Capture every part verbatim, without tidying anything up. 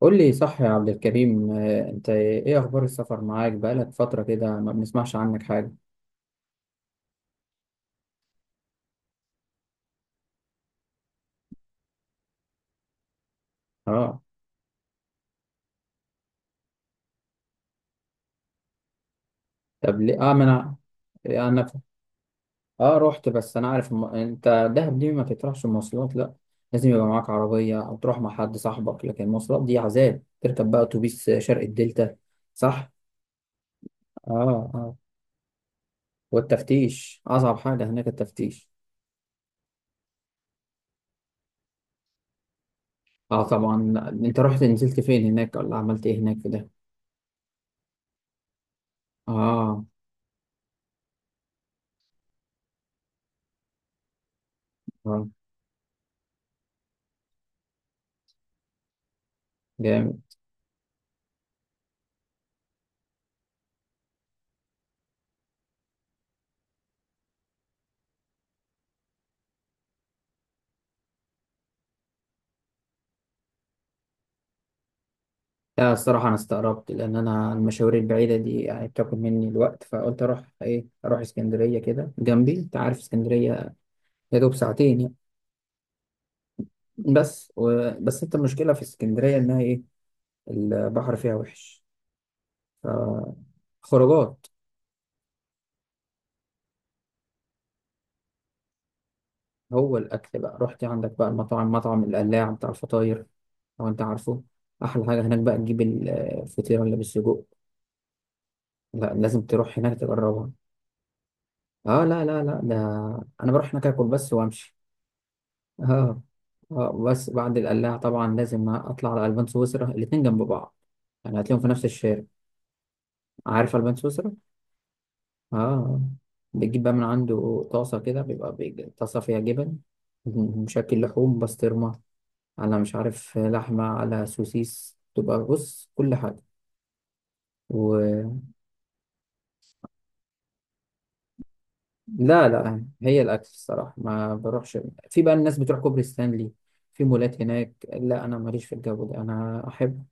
قول لي صح يا عبد الكريم، آه، انت ايه اخبار السفر؟ معاك بقالك فترة كده ما بنسمعش عنك حاجة. اه. طب ليه؟ اه ما انا انا اه رحت، بس انا عارف الم... انت دهب دي ما تطرحش المواصلات، لا لازم يبقى معاك عربية او تروح مع حد صاحبك، لكن المواصلات دي عذاب. تركب بقى اتوبيس شرق الدلتا. صح. اه اه. والتفتيش اصعب حاجة هناك التفتيش. اه طبعا. انت رحت نزلت فين هناك ولا عملت ايه هناك في ده؟ اه. اه. جامد. لا الصراحة أنا استغربت، لأن أنا المشاوير البعيدة دي يعني بتاكل مني الوقت، فقلت أروح إيه، أروح اسكندرية كده جنبي. أنت عارف اسكندرية، يا دوب ساعتين يعني. بس و... بس أنت المشكلة في اسكندرية إنها إيه، البحر فيها وحش. خروجات. هو الأكل بقى، رحت عندك بقى المطاعم، مطعم القلاع بتاع الفطاير، لو أنت عارفه. أحلى حاجة هناك بقى تجيب ال- الفطيرة اللي بالسجق. لا لازم تروح هناك تجربها. آه لا لا لا ده أنا بروح هناك آكل بس وأمشي. اه. اه بس بعد القلاع طبعا لازم اطلع على البان سويسرا، الاتنين جنب بعض، يعني هتلاقيهم في نفس الشارع. عارف البان سويسرا؟ اه. بتجيب بقى من عنده طاسة كده، بيبقى بيج- طاسة فيها جبن مشكل، لحوم، بسطرمة، على مش عارف لحمة، على سوسيس، تبقى بص كل حاجة. و... لا لا، هي الأكل الصراحة، ما بروحش في بقى. الناس بتروح كوبري ستانلي، في مولات هناك، لا أنا ماليش في الجو ده، أنا أحب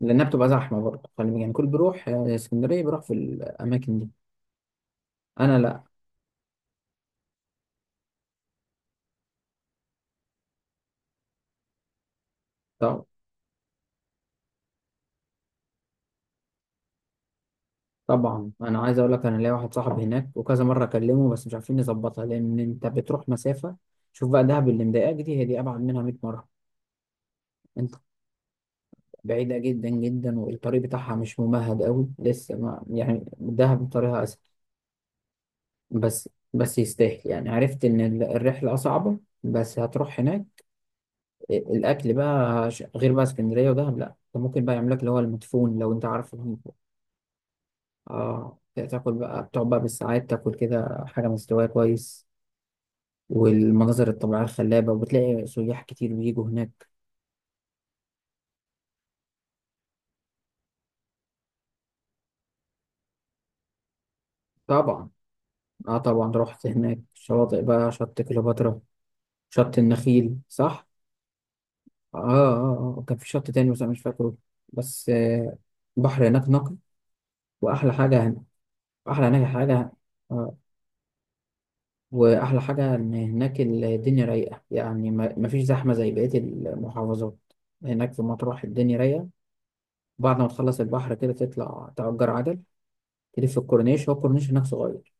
لانها بتبقى زحمه برضه. خلي بالك، يعني كل بيروح، آه، اسكندريه بيروح في الاماكن دي. انا لا. طب طبعا انا عايز اقول لك انا ليا واحد صاحبي هناك وكذا مره اكلمه، بس مش عارفين نظبطها لان انت بتروح مسافه. شوف بقى دهب اللي مضايقاك دي، هي دي ابعد منها مية مره. انت بعيده جدا جدا، والطريق بتاعها مش ممهد قوي لسه، ما يعني دهب طريقها اسهل. بس بس يستاهل، يعني عرفت ان ال- الرحله صعبه، بس هتروح هناك الاكل بقى ش- غير بقى اسكندريه ودهب. لا انت ممكن بقى يعملك اللي هو المدفون، لو انت عارف المدفون. اه تاكل بقى، بتقعد بقى بالساعات تاكل كده حاجه مستويه كويس، والمناظر الطبيعيه الخلابه، وبتلاقي سياح كتير بيجوا هناك. طبعا. اه طبعا رحت هناك، شواطئ بقى، شط كليوباترا، شط النخيل، صح. اه اه اه، وكان في شط تاني بس انا مش فاكره. بس آه، بحر هناك نقي. واحلى حاجه هنا، احلى هناك حاجه. آه، واحلى حاجه ان هناك الدنيا رايقه، يعني ما ما فيش زحمه زي بقيه المحافظات. هناك في مطروح الدنيا رايقه. بعد ما تخلص البحر كده تطلع تأجر عجل، تلف الكورنيش، هو الكورنيش هناك صغير.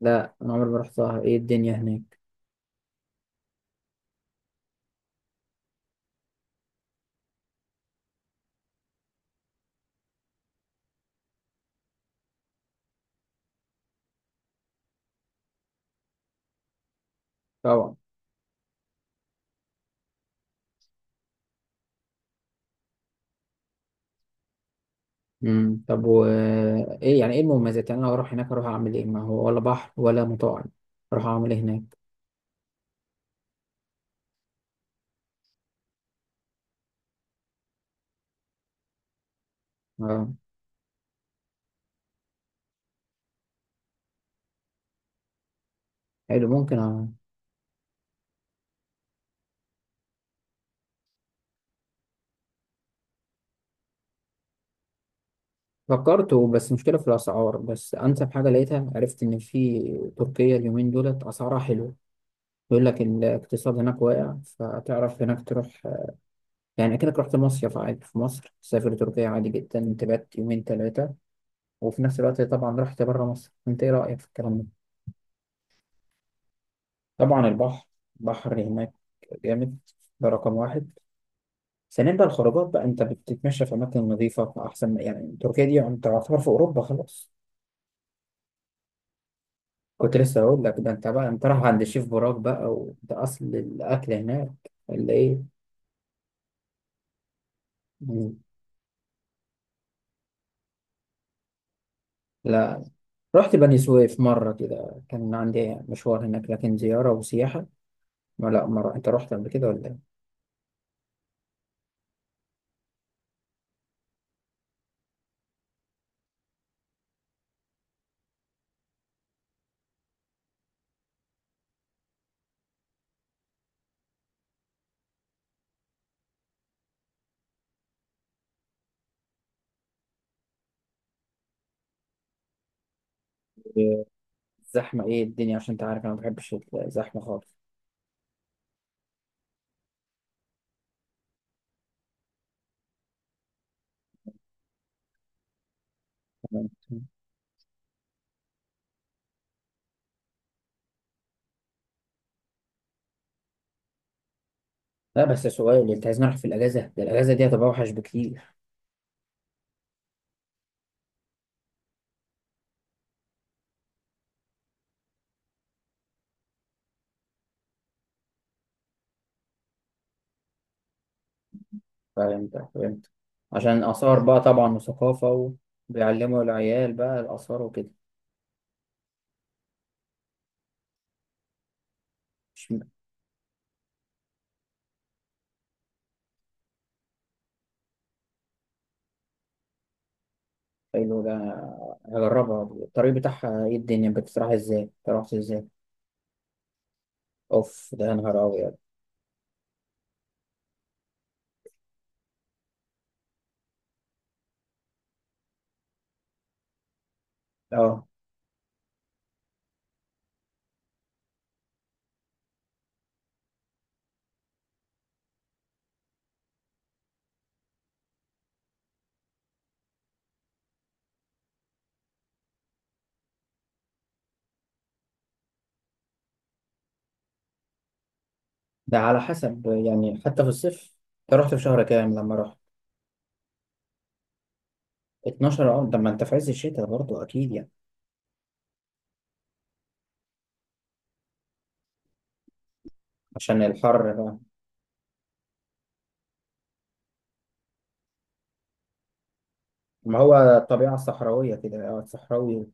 لا انا عمري ما رحتها، ايه الدنيا هناك؟ طبعا. امم، طب و... ايه يعني، ايه المميزات؟ يعني انا اروح هناك اروح اعمل ايه؟ ما هو ولا بحر ولا مطاعم، اروح اعمل ايه هناك؟ اه. حلو، ممكن أ... فكرت بس مشكله في الاسعار. بس انسب حاجه لقيتها، عرفت ان في تركيا اليومين دولت اسعارها حلوه، بيقول لك الاقتصاد هناك واقع، فتعرف هناك تروح يعني أكنك رحت مصيف عادي في مصر، تسافر تركيا عادي جدا تبات يومين ثلاثة، وفي نفس الوقت طبعا رحت بره مصر. أنت إيه رأيك في الكلام ده؟ طبعا البحر، البحر هناك جامد، ده رقم واحد. ثانيا بقى الخروجات بقى، أنت بتتمشى في أماكن نظيفة أحسن، يعني تركيا دي أنت تعتبر في أوروبا خلاص. كنت لسه هقول لك ده، أنت بقى أنت رايح عند الشيف براك بقى، وده أصل الأكل هناك، ولا إيه؟ مم. لا، رحت بني سويف مرة كده كان عندي مشوار هناك، لكن زيارة وسياحة ما... لا، مرة أنت رحت قبل كده ولا إيه؟ الزحمة إيه الدنيا؟ عشان أنت عارف أنا ما بحبش الزحمة خالص. تمام. لا بس سؤال، أنت عايز نروح في الأجازة ده، الأجازة دي هتبقى أوحش بكتير. فهمت فهمت عشان آثار بقى طبعا وثقافة، وبيعلموا العيال بقى الآثار وكده. مش م- حلو ده. هجربها. الطريق بتاعها إيه؟ الدنيا بتتراح إزاي؟ أنت رحت إزاي؟ أوف ده، يا نهار أبيض. اه ده على حسب يعني، حتى في الصيف؟ انت رحت في شهر كام لما رحت؟ اتناشر. اه ده ما انت في عز الشتاء برضه اكيد يعني. عشان الحر بقى؟ ما هو الطبيعة الصحراوية كده، او الصحراوي.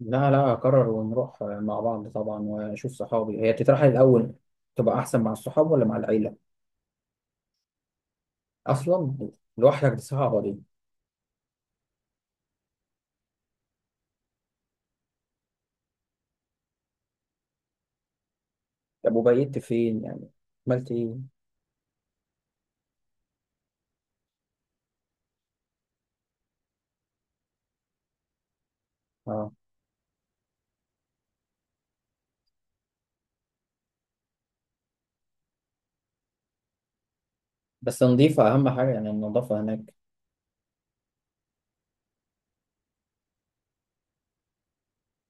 لا لا، اقرر ونروح مع بعض طبعا واشوف صحابي. هي تترحل الاول، تبقى احسن مع الصحاب ولا مع العيلة؟ اصلا؟ لوحدك دي صعبة دي. طب وبيت فين يعني؟ عملت ايه؟ اه بس نظيفة اهم حاجة، يعني النظافة هناك.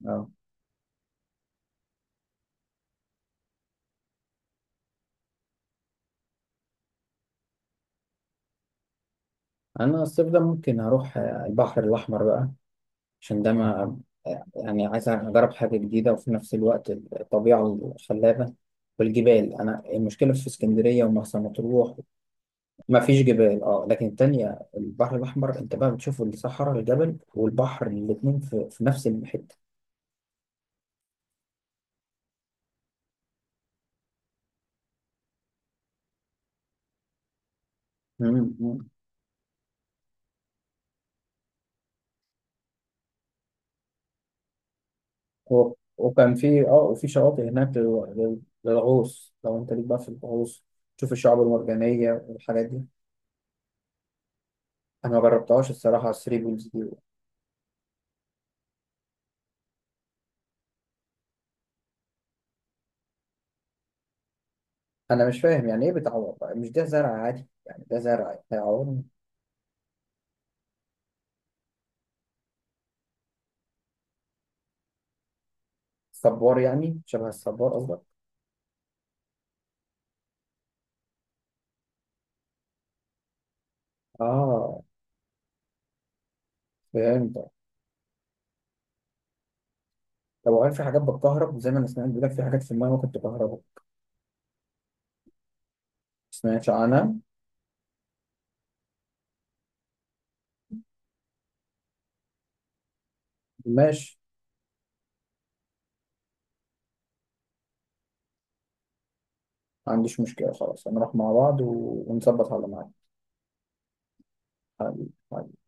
اه. انا الصيف ده ممكن اروح البحر الاحمر بقى، عشان ده ما... يعني عايز أجرب حاجة جديدة، وفي نفس الوقت الطبيعة الخلابة والجبال. أنا المشكلة في اسكندرية ومرسى مطروح ما فيش جبال، أه. لكن التانية البحر الأحمر أنت بقى بتشوف الصحراء، الجبل والبحر الاتنين في، في نفس الحتة. مم، مم. و- وكان في أه وفي شواطئ هناك لل- لل- للغوص، لو أنت ليك بقى في الغوص، تشوف الشعاب المرجانية والحاجات دي. أنا ما جربتهاش الصراحة، على الثري بولز دي. انا مش فاهم يعني ايه بتعور بقى؟ مش ده زرع عادي؟ يعني ده زرع هيعور؟ صبار، يعني شبه الصبار قصدك؟ اه. فهمت. طب وهل في حاجات بتكهرب؟ زي ما انا سمعت بيقول لك في حاجات في المايه ممكن تكهربه. ما سمعتش عنها. ماشي. ما عنديش مشكله، خلاص هنروح مع بعض و... ونظبط على معاك. حبيبي.